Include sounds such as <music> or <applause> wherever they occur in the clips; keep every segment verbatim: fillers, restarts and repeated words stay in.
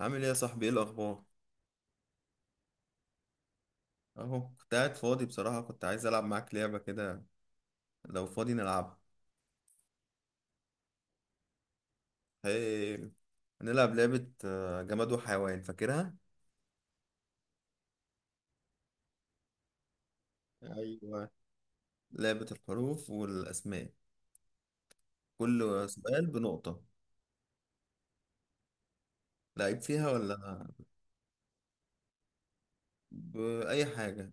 عامل ايه يا صاحبي؟ ايه الاخبار؟ اهو كنت قاعد فاضي بصراحة. كنت عايز العب معاك لعبة كده لو فاضي نلعبها. هي هنلعب لعبة آه، جماد وحيوان، فاكرها؟ ايوه، لعبة الحروف والاسماء، كل سؤال بنقطة. لعيب فيها ولا؟ بأي حاجة،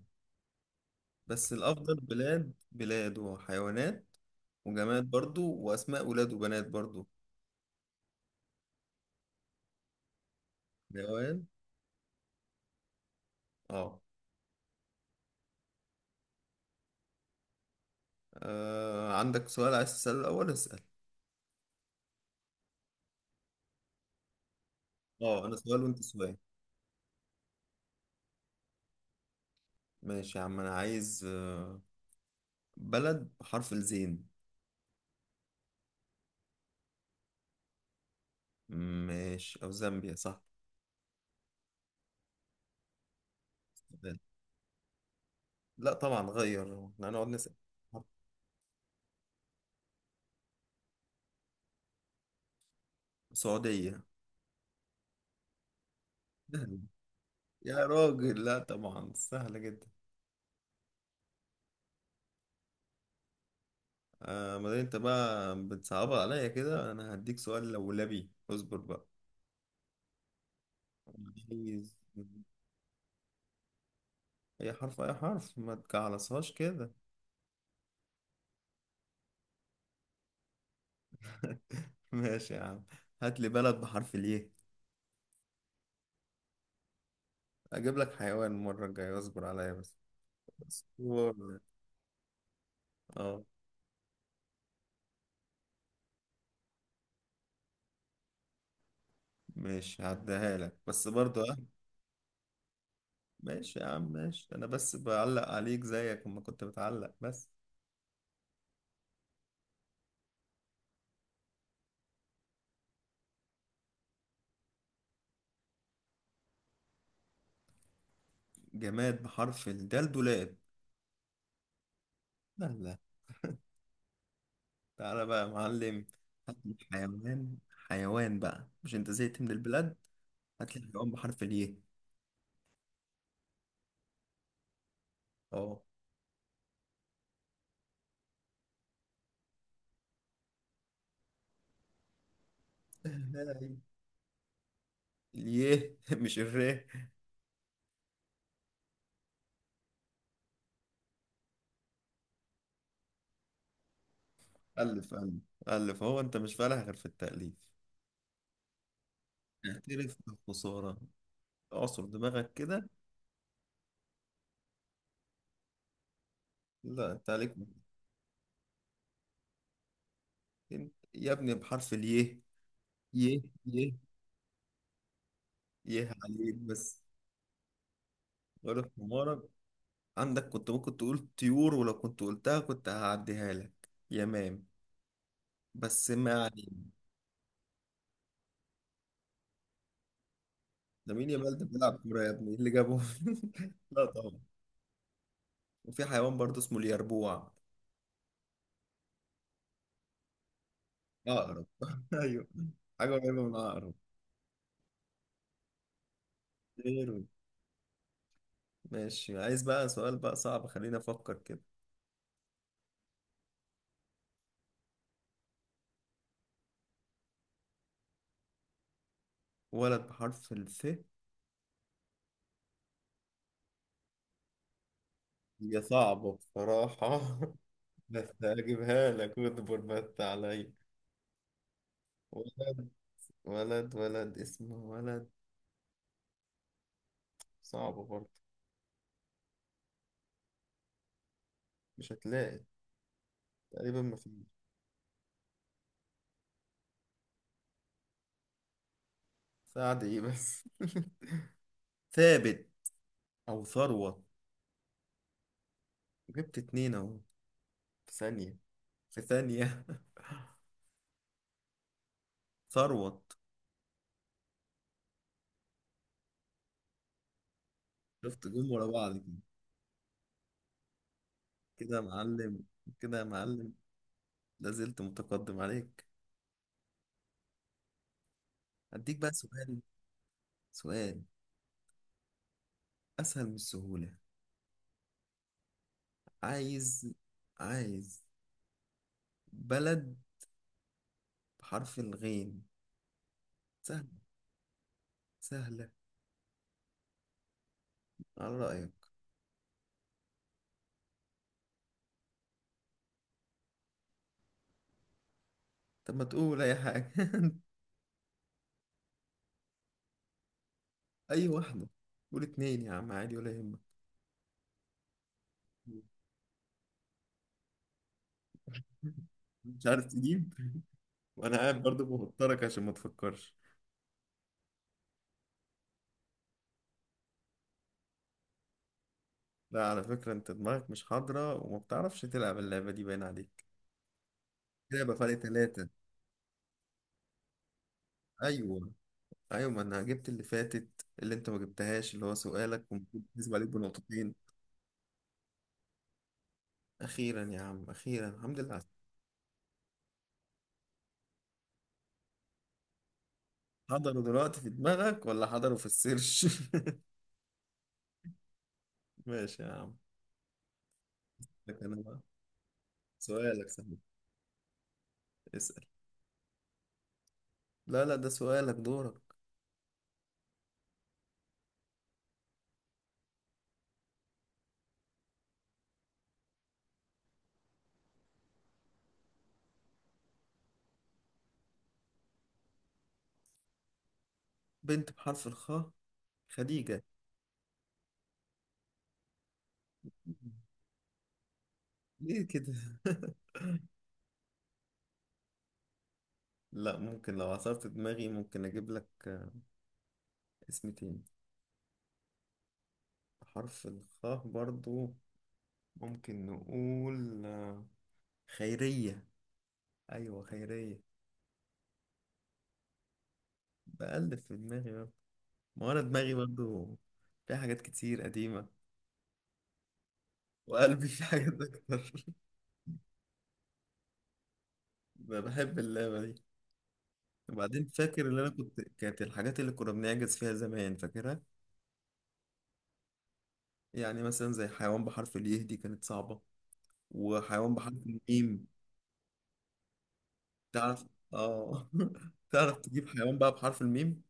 بس الافضل بلاد بلاد وحيوانات. وجماد برضو، واسماء ولاد وبنات برضو. حيوان، اه. آه، عندك سؤال عايز تسأله الاول؟ اسأل. اه، انا سؤال وانت سؤال. ماشي يا عم، انا عايز آه، بلد بحرف الزين. ماشي، او زامبيا، صح. لا طبعا، غير، احنا هنقعد نسأل. سعودية. سهلة. يا راجل، لا طبعا، سهلة جدا. آه، ما دام انت بقى بتصعبها عليا كده، انا هديك سؤال لولبي، اصبر بقى. عايز اي حرف، اي حرف، ما تجعلصهاش كده. <laughs> ماشي يا عم، هات لي بلد بحرف اليه. اجيب لك حيوان المرة الجاية، اصبر عليا بس. اصبر. اه، ماشي، هعديها لك بس برضه، اه. ماشي يا عم، ماشي. انا بس بعلق عليك زيك اما كنت بتعلق بس. جماد بحرف الدال: دولاب. لا، لا. تعالى بقى يا معلم. هات لي حيوان. حيوان بقى، مش انت زهقت من البلاد؟ هات لي حيوان بحرف الياء. اه. <laughs> الياء، <laughs> مش الراء. الف، الف، الف، هو انت مش فالح غير في التأليف؟ اعترف بالخسارة. اعصر دماغك كده. لا، انت عليك. مرتين. يا ابني، بحرف الياء. يه، يه، يه عليك بس. غير حمارك. عندك، كنت ممكن تقول طيور، ولو كنت قلتها كنت هعديها لك، يمام. بس ما علينا. ده مين يمال؟ ده بيلعب كورة يا ابني، إيه اللي جابه؟ <laughs> لا طبعا. وفي حيوان برضه اسمه اليربوع. عقرب، <laughs> ايوه. حاجة قريبة من عقرب. غيره. ماشي، عايز بقى سؤال بقى صعب، خلينا افكر كده. ولد بحرف الف. هي صعبة بصراحة. <laughs> بس هجيبها لك، واصبر بس عليا. ولد، ولد، ولد اسمه ولد. صعبة برضه. مش هتلاقي. تقريبا مفيش. سعد ايه بس؟ <laughs> ثابت، او ثروت. جبت اتنين اهو. في ثانية. في ثانية. <laughs> ثروت. شفت؟ جم ورا بعض كده. كده يا معلم، كده يا معلم. لازلت متقدم عليك. هديك بقى سؤال. سؤال اسهل من السهولة. عايز عايز بلد بحرف الغين. سهلة. سهلة، على رأيك. طب ما تقول اي حاجة. <laughs> اي واحدة. قول اتنين يا عم، عادي ولا يهمك. مش عارف تجيب؟ وانا قاعد برضه بوترك عشان ما تفكرش. لا، على فكرة انت دماغك مش حاضرة، وما بتعرفش تلعب اللعبة دي، باين عليك. لعبة فرق ثلاثة. ايوه، ايوه، ما انا جبت اللي فاتت، اللي انت ما جبتهاش، اللي هو سؤالك، ومفروض تحسب عليك بنقطتين. اخيرا يا عم، اخيرا، الحمد لله. حضروا دلوقتي في دماغك ولا حضروا في السيرش؟ <laughs> ماشي يا عم. لك انا بقى. سؤالك صحيح. اسأل. لا، لا، ده سؤالك دورك. بنت بحرف الخاء. خديجة. ليه كده؟ <laughs> لا، ممكن لو عصرت دماغي ممكن اجيب لك اسم تاني. حرف الخاء برضو. ممكن نقول آه، خيرية. ايوه، خيرية. بقلب في دماغي برضو. ما هو انا دماغي برضو. في حاجات كتير قديمة. وقلبي <laughs> في حاجات اكتر. <laughs> أنا بحب اللعبة دي. وبعدين فاكر اللي انا كنت، كانت الحاجات اللي كنا بنعجز فيها زمان، فاكرها. يعني مثلا زي حيوان بحرف اليه، دي كانت صعبة. وحيوان بحرف الميم. تعرف؟ اه. <laughs> تعرف تجيب حيوان بقى بحرف الميم؟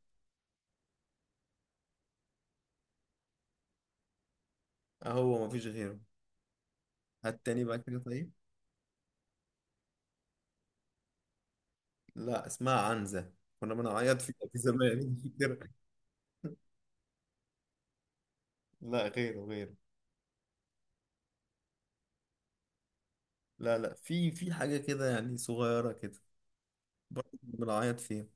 اهو مفيش غيره. هات تاني بقى كده طيب. لا، اسمها عنزة. كنا بنعيط فيها في زمان <laughs> كده. لا، غيره غيره. لا، لا، في في حاجة كده يعني صغيرة كده. برضه كنا بنعيط فيها.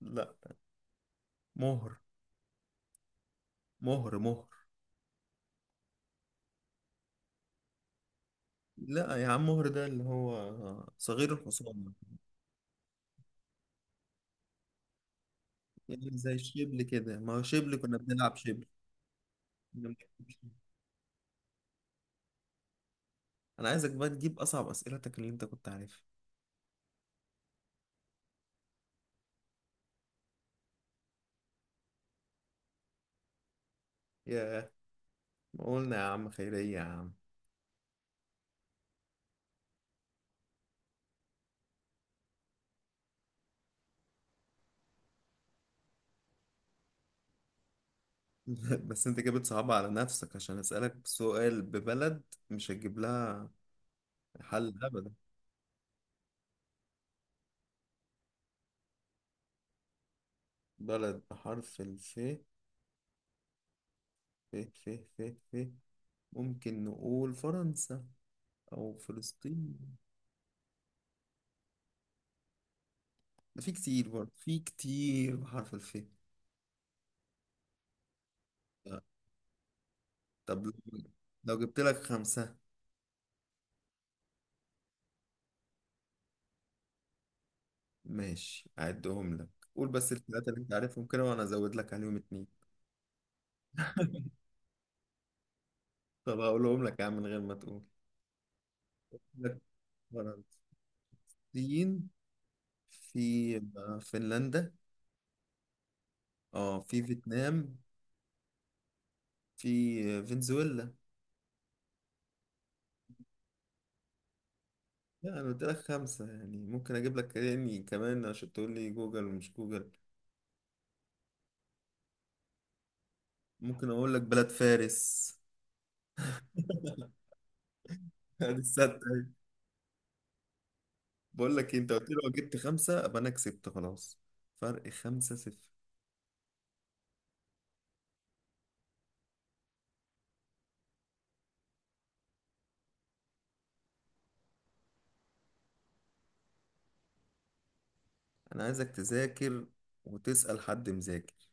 لا. مهر. مهر، مهر. لا يا عم، مهر ده اللي هو صغير الحصان. يعني زي الشبل كده، ما هو شبل كنا بنلعب شبل. <laughs> كنا بنلعب شبل. انا عايزك بقى تجيب اصعب اسئلتك اللي انت كنت عارفها. ياه. قولنا يا عم خيرية يا عم. <laughs> بس انت كده بتصعب على نفسك، عشان اسألك سؤال ببلد مش هتجيب لها حل ابدا. بلد بحرف الف، ف ف ف ف ممكن نقول فرنسا، او فلسطين. ده في كتير برضه، في كتير بحرف الف. لا. طب لو لو جبت لك خمسة. ماشي، اعدهم لك. قول بس الثلاثة اللي انت عارفهم كده، وانا ازود لك عليهم اتنين. طب هقولهم لك يا عم من غير ما تقول. لك: فرنسا، الصين، في فنلندا، اه، في فيتنام، في فنزويلا. لا، انا قلت لك خمسة يعني ممكن اجيب لك يعني كمان، عشان تقول لي جوجل ومش جوجل. ممكن اقول لك بلاد فارس. <laughs> ادي الستة. أهي. بقول لك إيه، انت قلت لي لو جبت خمسة ابقى انا كسبت خلاص. فرق خمسة صفر. انا عايزك تذاكر، وتسأل حد مذاكر.